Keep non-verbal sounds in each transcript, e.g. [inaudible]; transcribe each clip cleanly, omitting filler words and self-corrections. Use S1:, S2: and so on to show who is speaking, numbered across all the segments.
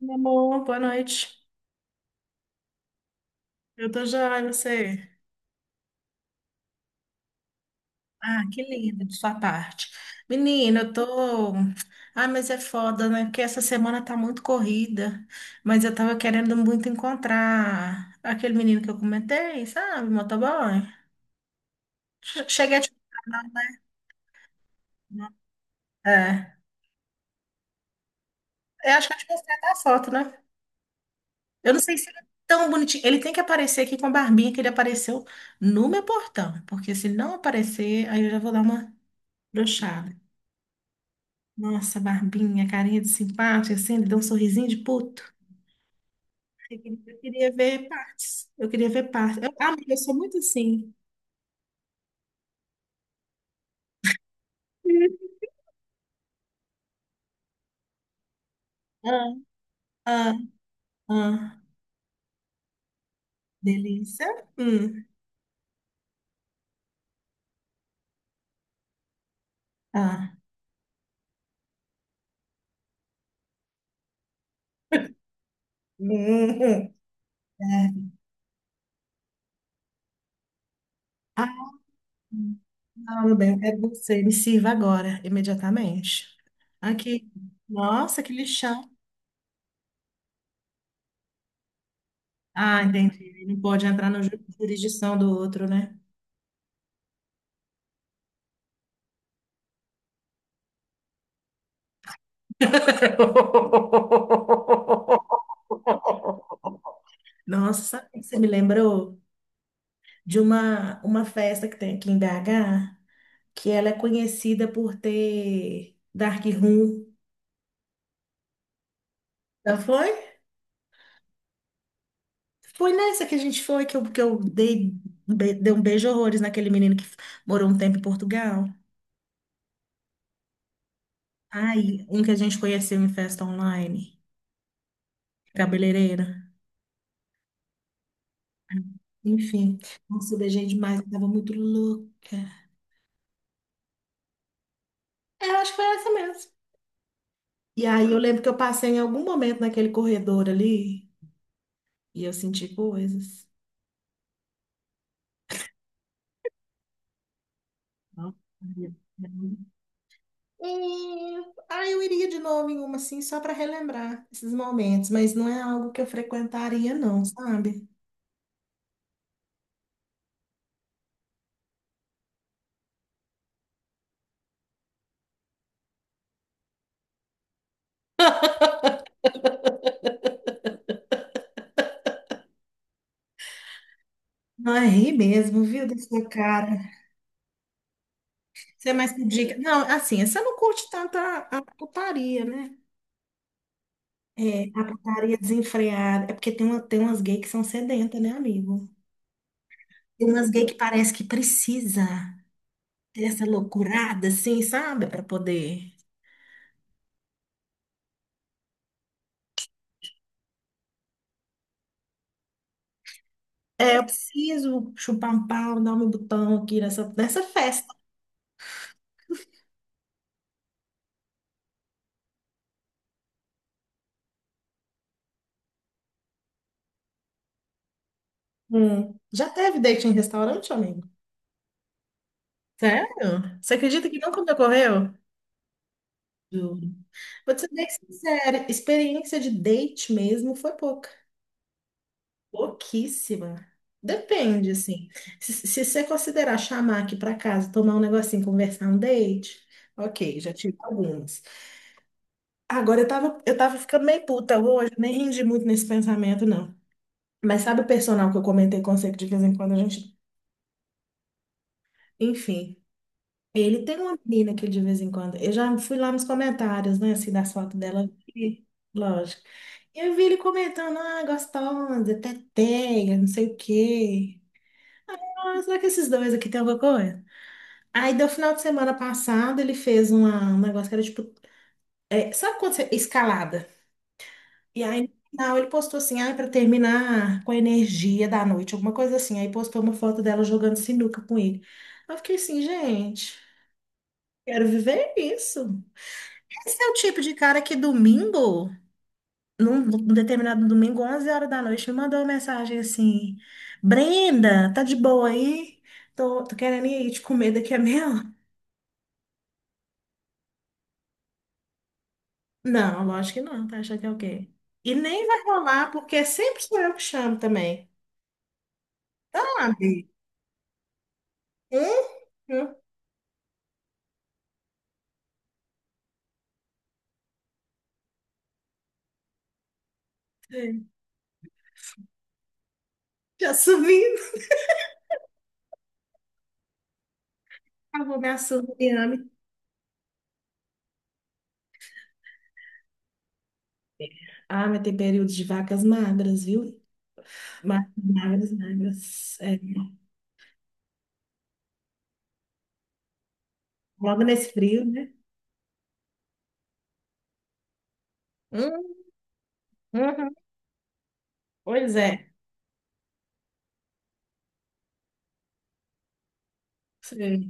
S1: Meu amor, boa noite. Eu tô joia, e você? Ah, que lindo de sua parte. Menina, eu tô. Ah, mas é foda, né? Porque essa semana tá muito corrida. Mas eu tava querendo muito encontrar aquele menino que eu comentei, sabe? Motoboy. Cheguei a te mostrar, não, não. é. Eu acho que eu te mostrei até a foto, né? Eu não sei se ele é tão bonitinho. Ele tem que aparecer aqui com a barbinha que ele apareceu no meu portão. Porque se não aparecer, aí eu já vou dar uma brochada. Nossa, barbinha, carinha de simpático, assim, ele dá um sorrisinho de puto. Eu queria ver partes. Eu queria ver partes. Mas eu sou muito assim. Ah, ah, ah. Delícia. Hum, ah. Hum, é. Ah, não, meu bem, é você. Me sirva agora, imediatamente. Aqui. Nossa, que lixão. Ah, entendi. Ele não pode entrar na jurisdição do outro, né? [laughs] Nossa, sabe o que você me lembrou de uma festa que tem aqui em BH, que ela é conhecida por ter Dark Room. Já foi? Foi nessa que a gente foi, que eu dei, dei um beijo horrores naquele menino que morou um tempo em Portugal. Ai, um que a gente conheceu em festa online, cabeleireira. Enfim, nossa, eu beijei demais, eu tava muito louca. É, eu acho que foi essa mesmo. E aí eu lembro que eu passei em algum momento naquele corredor ali, e eu senti coisas. Nossa, é, ah, eu iria de novo em uma assim, só para relembrar esses momentos, mas não é algo que eu frequentaria, não, sabe? Não é rir mesmo, viu, da sua cara. Você é mais por dica. Não, assim, você não curte tanto a putaria, né? É, a putaria desenfreada. É porque tem umas gays que são sedentas, né, amigo? Tem umas gays que parece que precisa dessa loucurada, assim, sabe? Para poder. É, eu preciso chupar um pau, dar meu botão aqui nessa festa. Hum. Já teve date em restaurante, amigo? Sério? Você acredita que nunca me ocorreu? Juro. Vou te ser bem sincera, experiência de date mesmo foi pouca. Pouquíssima. Depende, assim. Se você considerar chamar aqui pra casa, tomar um negocinho, conversar um date, ok, já tive algumas. Agora eu tava ficando meio puta hoje, nem rendi muito nesse pensamento, não. Mas sabe o personal que eu comentei com você que de vez em quando a gente. Enfim, ele tem uma menina que de vez em quando. Eu já fui lá nos comentários, né, assim, das fotos dela, e, lógico. E eu vi ele comentando, gostosa, teteia, não sei o quê. Ah, será que esses dois aqui tem alguma coisa? Aí, do final de semana passado, ele fez um negócio que era tipo. É, sabe quando você. Escalada. E aí, no final, ele postou assim, para terminar com a energia da noite, alguma coisa assim. Aí postou uma foto dela jogando sinuca com ele. Eu fiquei assim, gente, quero viver isso. Esse é o tipo de cara que domingo, num determinado domingo, 11 horas da noite, me mandou uma mensagem assim: Brenda, tá de boa aí? Tô, querendo ir te comer daqui a meia hora. Não, lógico que não, tá achando que é o quê? E nem vai rolar, porque sempre sou eu que chamo também. Sabe? Hum? Hum. Já subindo. Ah, vou me assoviando. Ah, mas tem períodos de vacas magras, viu? Magras, magras, magras. É, logo nesse frio, né? Hum, uhum. Pois é. Sei.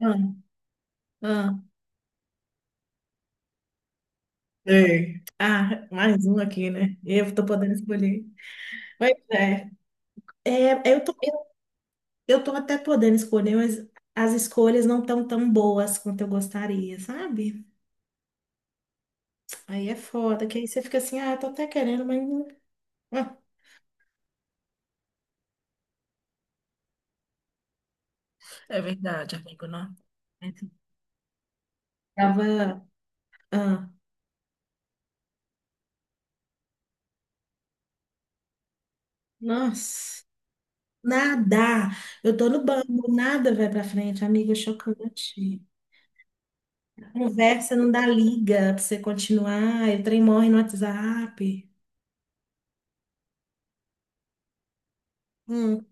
S1: Ah, ah, sei. Ah, mais um aqui, né? Eu tô podendo escolher. Pois é. É, eu tô até podendo escolher, mas as escolhas não estão tão tão boas quanto eu gostaria, sabe? Aí é foda, que aí você fica assim, tô até querendo, mas. Ah, é verdade, amigo, não. Tava. Ah, nossa, nada. Eu tô no banco, nada vai pra frente, amiga, é chocante. Conversa não dá liga pra você continuar. Eu trem morre no WhatsApp. Hum,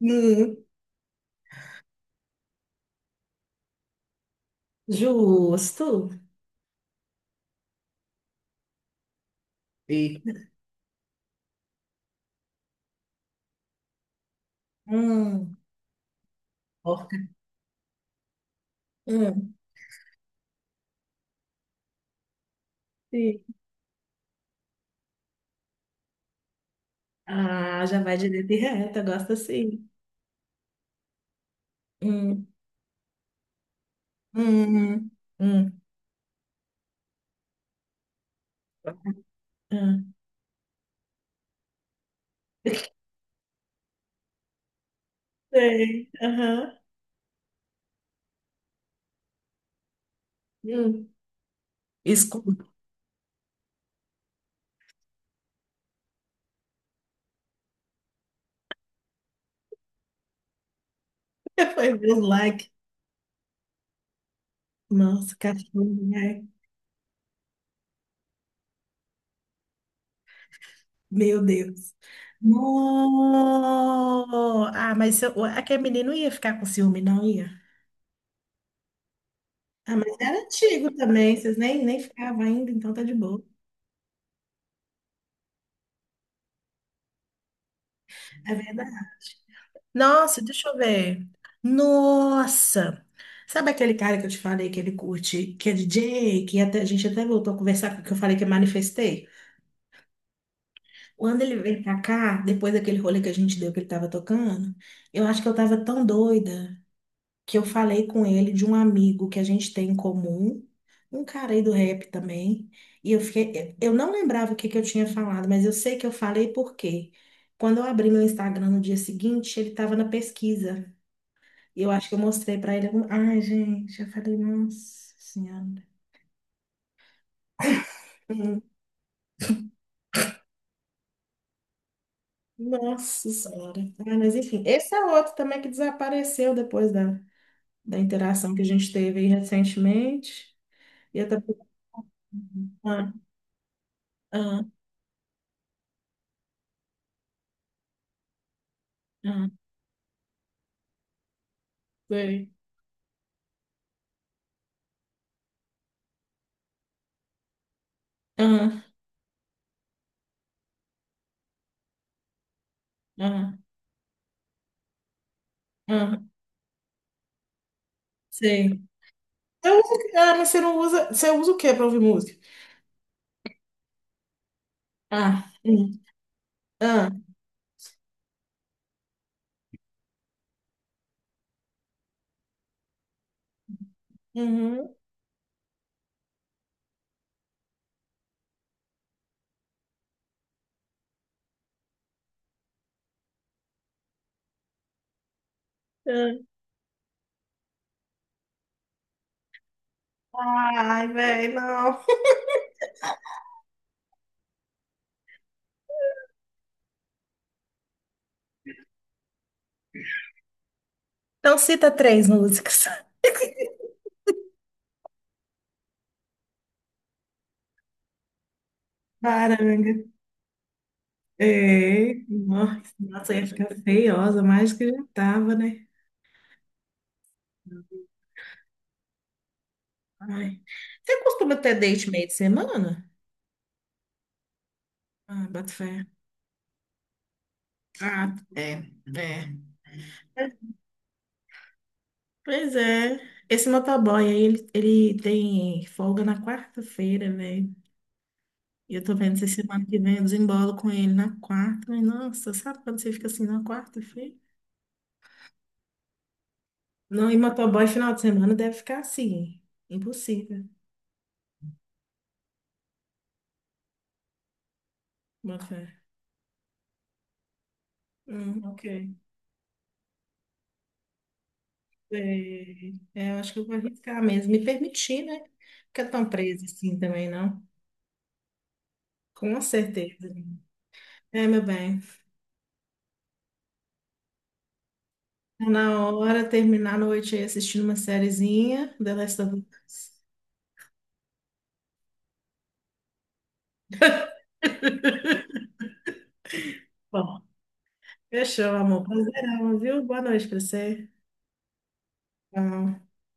S1: hum, justo. E Hum, porca. Hum, sim. Ah, já vai direto e reto, eu gosto assim. Hum, hum, hum, hum. Sei, aham. Hum. Escuta, [laughs] foi meu like. Nossa, cachorro, né? Meu Deus. No! Ah, mas se eu- aquele menino ia ficar com ciúme, não ia? Ah, mas era antigo também, vocês nem ficavam ainda, então tá de boa. É verdade. Nossa, deixa eu ver. Nossa! Sabe aquele cara que eu te falei que ele curte, que é DJ, que até, a gente até voltou a conversar, que eu falei que eu manifestei? Quando ele veio pra cá, depois daquele rolê que a gente deu que ele tava tocando, eu acho que eu tava tão doida. Que eu falei com ele de um amigo que a gente tem em comum, um cara aí do rap também. E eu fiquei, eu não lembrava o que que eu tinha falado, mas eu sei que eu falei porque quando eu abri meu Instagram no dia seguinte, ele estava na pesquisa. E eu acho que eu mostrei para ele algum. Ai, gente, eu falei, nossa senhora. Hum. Nossa senhora. Ah, mas enfim, esse é outro também que desapareceu depois da interação que a gente teve aí recentemente. E eu também. Ah, ah, ah, sei. Ah, ah, sei. Eu uso, mas você não usa. Você usa o quê pra ouvir música? Ah, ah, uhum, ah. Ai, velho, não. Então cita três músicas. Baranga. É, nossa, nossa, ia ficar feiosa, mais que já tava, né? Ai. Você costuma ter date meio de semana? Ah, boto fé. Ah, é, é. Pois é. Esse motoboy aí, ele tem folga na quarta-feira, velho. E eu tô vendo se semana que vem eu desembolo com ele na quarta. Mas, nossa, sabe quando você fica assim na quarta-feira? Não, e motoboy final de semana deve ficar assim. Impossível. Boa fé. Ok. É, é, eu acho que eu vou arriscar mesmo. Me permitir, né? Ficar tão presa assim também, não? Com certeza. É, meu bem. Tá na hora, terminar a noite aí assistindo uma sériezinha. The Last of Us. Bom, fechou, amor. Prazerão, viu? Boa noite pra você. Tchau.